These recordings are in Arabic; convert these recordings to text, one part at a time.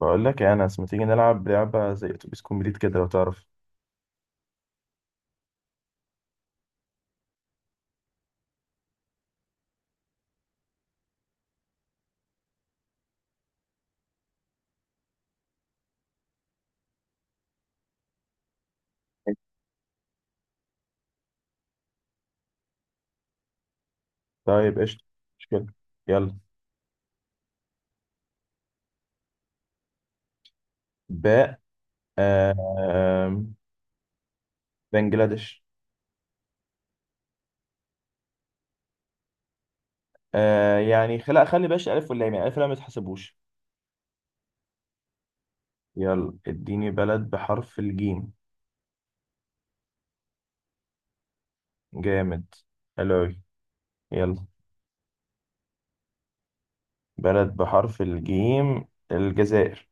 بقول لك يا انس، ما تيجي نلعب لعبه زي اتوبيس كومبليت كده لو تعرف؟ طيب، قشطه. مشكله. يلا. باء. آم، بنجلاديش. يعني خلي باش الف واللام، يعني الف واللام ما تحسبوش. يلا اديني بلد بحرف الجيم. جامد. حلو أوي. يلا. بلد بحرف الجيم، الجزائر.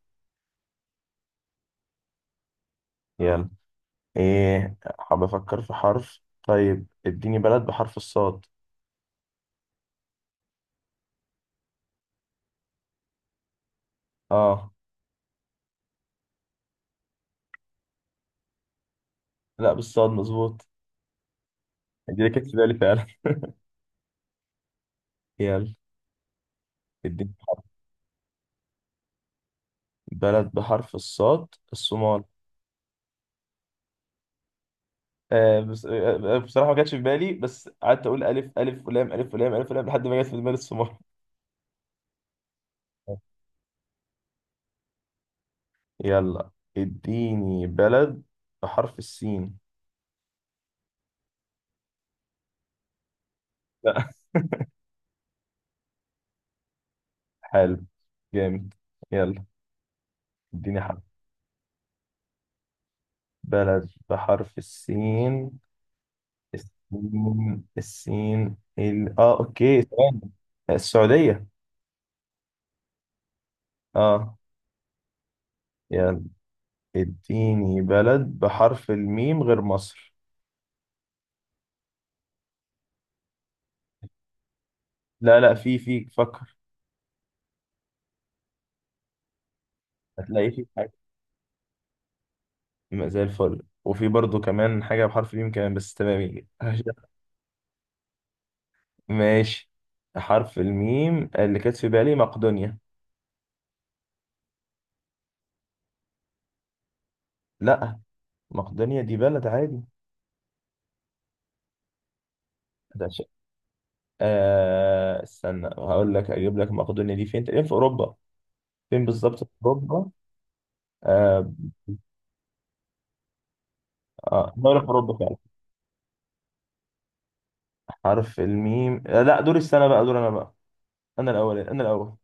يلا، ايه، حاب افكر في حرف. طيب اديني بلد بحرف الصاد. اه. لا، بالصاد مظبوط. اديني، كانت في بالي فعلا. يلا اديني بلد بحرف الصاد. الصومال. بس، بصراحة ما جاتش في بالي، بس قعدت أقول ألف ألف ولام ألف ولام ألف ولام لحد ما جت في دماغي الصومال. يلا اديني بلد بحرف السين. لا. حلو، جامد. يلا اديني حرف. بلد بحرف السين. السين اه، اوكي، ثواني. السعودية. اه. يلا اديني بلد بحرف الميم غير مصر. لا لا، في فكر، هتلاقي فيه حاجة. يبقى زي الفل، وفي برضو كمان حاجة بحرف الميم كمان، بس تمام يجي. ماشي. حرف الميم اللي كانت في بالي مقدونيا. لا، مقدونيا دي بلد عادي. ده ش... آه استنى، هقول لك، اجيب لك مقدونيا دي فين. تقريبا في اوروبا. فين بالظبط في اوروبا؟ آه. آه، دولة في اوروبا فعلا. حرف الميم، لا، دور السنة بقى، دور انا بقى. انا الاول، انا الاول.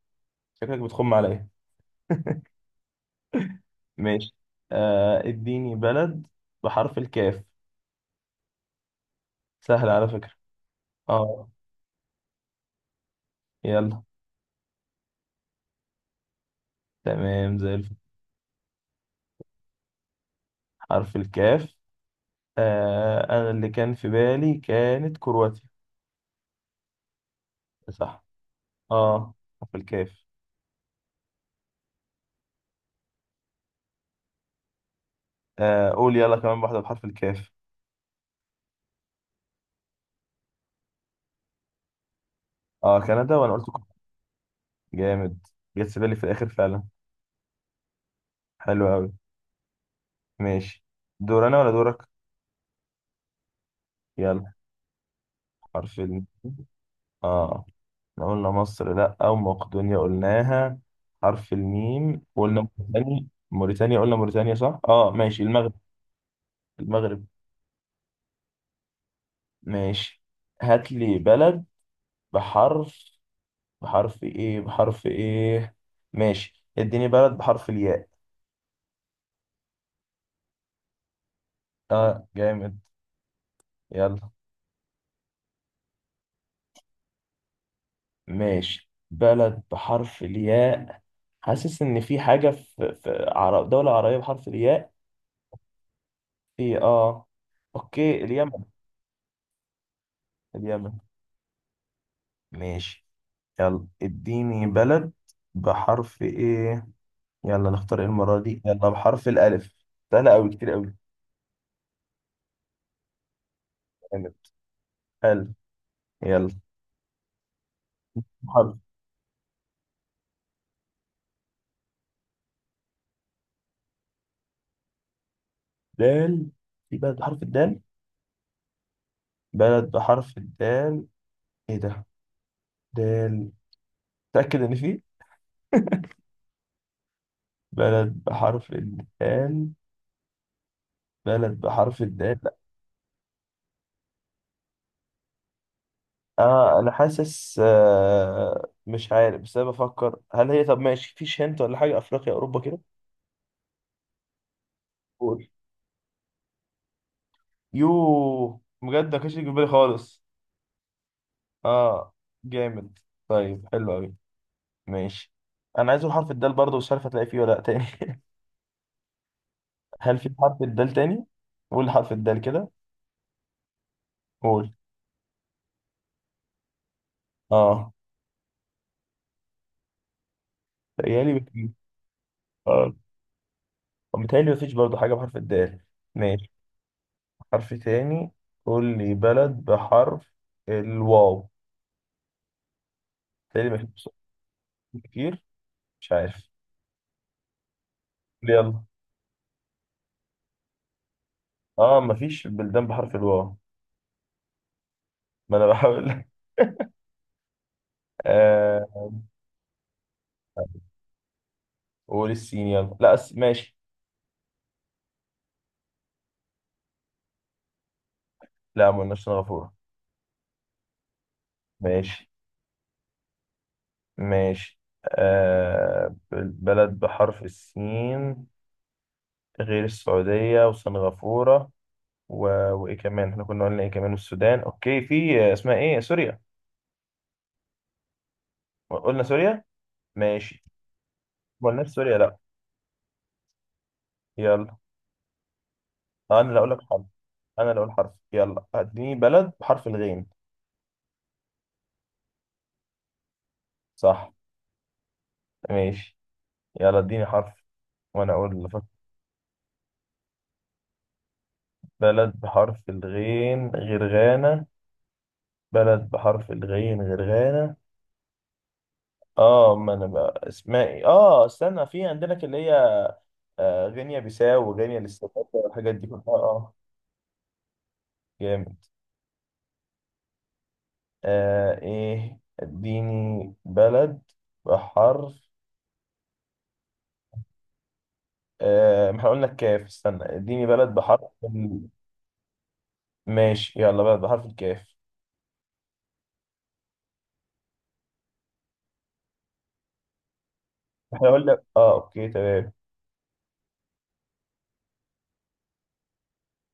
شكلك بتخم عليا. ماشي. آه، اديني بلد بحرف الكاف. سهل على فكرة. اه، يلا. تمام زي الفل. حرف الكاف. آه، انا اللي كان في بالي كانت كرواتيا. صح. اه. حرف الكاف. آه قول يلا كمان واحدة بحرف الكاف. اه، كندا، وانا قلت كرواتيا. جامد. جت في بالي في الاخر فعلا. حلو قوي. ماشي. دور انا ولا دورك؟ يلا. حرف ال... اه، احنا قلنا مصر، لا. او مقدونيا قلناها. حرف الميم، قلنا موريتانيا. موريتانيا قلنا موريتانيا، صح. اه، ماشي، المغرب. المغرب. ماشي. هات لي بلد بحرف، بحرف ايه، بحرف ايه. ماشي اديني بلد بحرف الياء. اه، جامد. يلا. ماشي، بلد بحرف الياء. حاسس ان في حاجة في دولة عربية بحرف الياء. في، اه. اوكي، اليمن. اليمن. ماشي. يلا اديني بلد بحرف ايه. يلا نختار ايه المرة دي. يلا بحرف الالف. سهلة اوي، كتير اوي. جامد. الف. يلا. بحرف. دال. في بلد بحرف الدال. بلد بحرف الدال، ايه ده. دال. تأكد ان فيه. بلد بحرف الدال. بلد بحرف الدال، لا. انا حاسس، مش عارف، بس انا بفكر هل هي، طب ماشي فيش هنت ولا حاجة، افريقيا، اوروبا كده. قول. يوه، بجد ما كانش يجي في بالي خالص. اه، جامد. طيب، حلو قوي. ماشي. انا عايز اقول حرف الدال برضه، مش عارف هتلاقي فيه ولا لا تاني. هل في حرف الدال تاني؟ قول حرف الدال كده. قول. اه. تخيلي. ومتهيألي مفيش برضه حاجة بحرف الدال. ماشي. حرف تاني. قول لي بلد بحرف الواو. متهيألي مفيش. كتير. مش عارف. يلا. اه، مفيش بلدان بحرف الواو. ما انا بحاول. آه. قول السين يلا، لا أس... ماشي. لا، ما قلناش سنغافورة. ماشي ماشي. آه، بلد بحرف السين غير السعودية وسنغافورة، و... وإيه كمان، احنا كنا قلنا إيه كمان، والسودان، أوكي، في آه، اسمها إيه، سوريا. قلنا سوريا. ماشي. ولا نفس سوريا، لا. يلا. آه، انا اللي اقول لك حرف. انا اللي اقول حرف، يلا اديني بلد بحرف الغين. صح. ماشي. يلا اديني حرف، وانا اقول لك. بلد بحرف الغين غير غانا. بلد بحرف الغين غير غانا. اه، ما انا بقى اسمها ايه، اه استنى، في عندنا اللي هي، آه، غينيا بيساو وغينيا الاستفاده والحاجات دي كلها، اه. جامد. آه ايه، اديني بلد بحرف، آه، احنا قلنا الكاف. استنى اديني بلد بحرف ماشي. يلا، بلد بحرف الكاف. احنا قلنا، اه، اوكي تمام.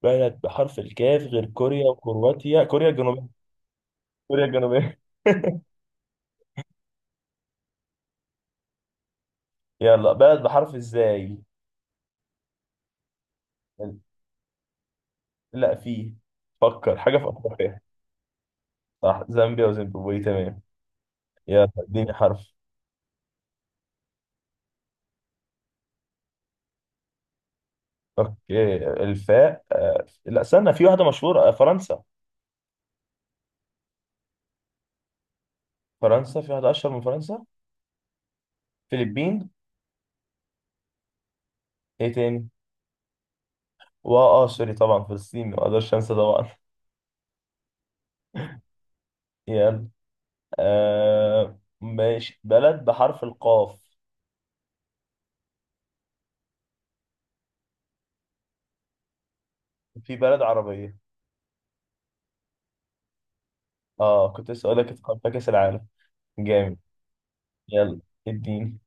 بلد بحرف الكاف غير كوريا وكرواتيا، كوريا الجنوبية. كوريا الجنوبية. يلا، بلد بحرف ازاي. لا، فيه. فكر حاجة في افريقيا. صح، زامبيا وزيمبابوي. تمام. يلا اديني حرف. اوكي، الفاء. آه، لا استنى، في واحدة مشهورة، آه، فرنسا. فرنسا، في واحدة اشهر من فرنسا. فلبين. ايه تاني؟ واه، اه، سوري طبعا، فلسطين ما اقدرش انسى طبعا. يلا. آه ماشي، بلد بحرف القاف. في بلد عربية. اه كنت لسه اقول لك، اتقابل كأس العالم. جامد. يلا اديني.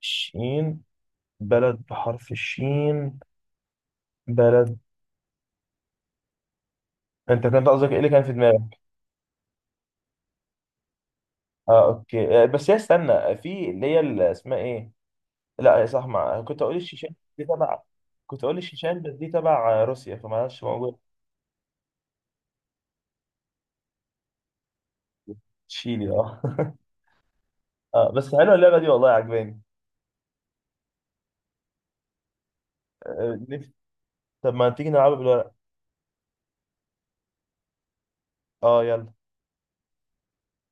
شين. بلد بحرف الشين. بلد. انت كنت قصدك ايه اللي كان في دماغك؟ اه، اوكي. آه بس هي، استنى، في اللي هي، اللي اسمها ايه. لا يا صح، ما كنت اقول الشيشان، دي تبع. كنت اقول الشيشان، بس دي تبع آه، روسيا، فمعلش موجود. تشيلي، اه. آه، بس حلوه اللعبه دي، والله عجباني. آه نفسي- طب ما تيجي نلعبها بالورق. اه، يلا.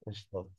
قشطة.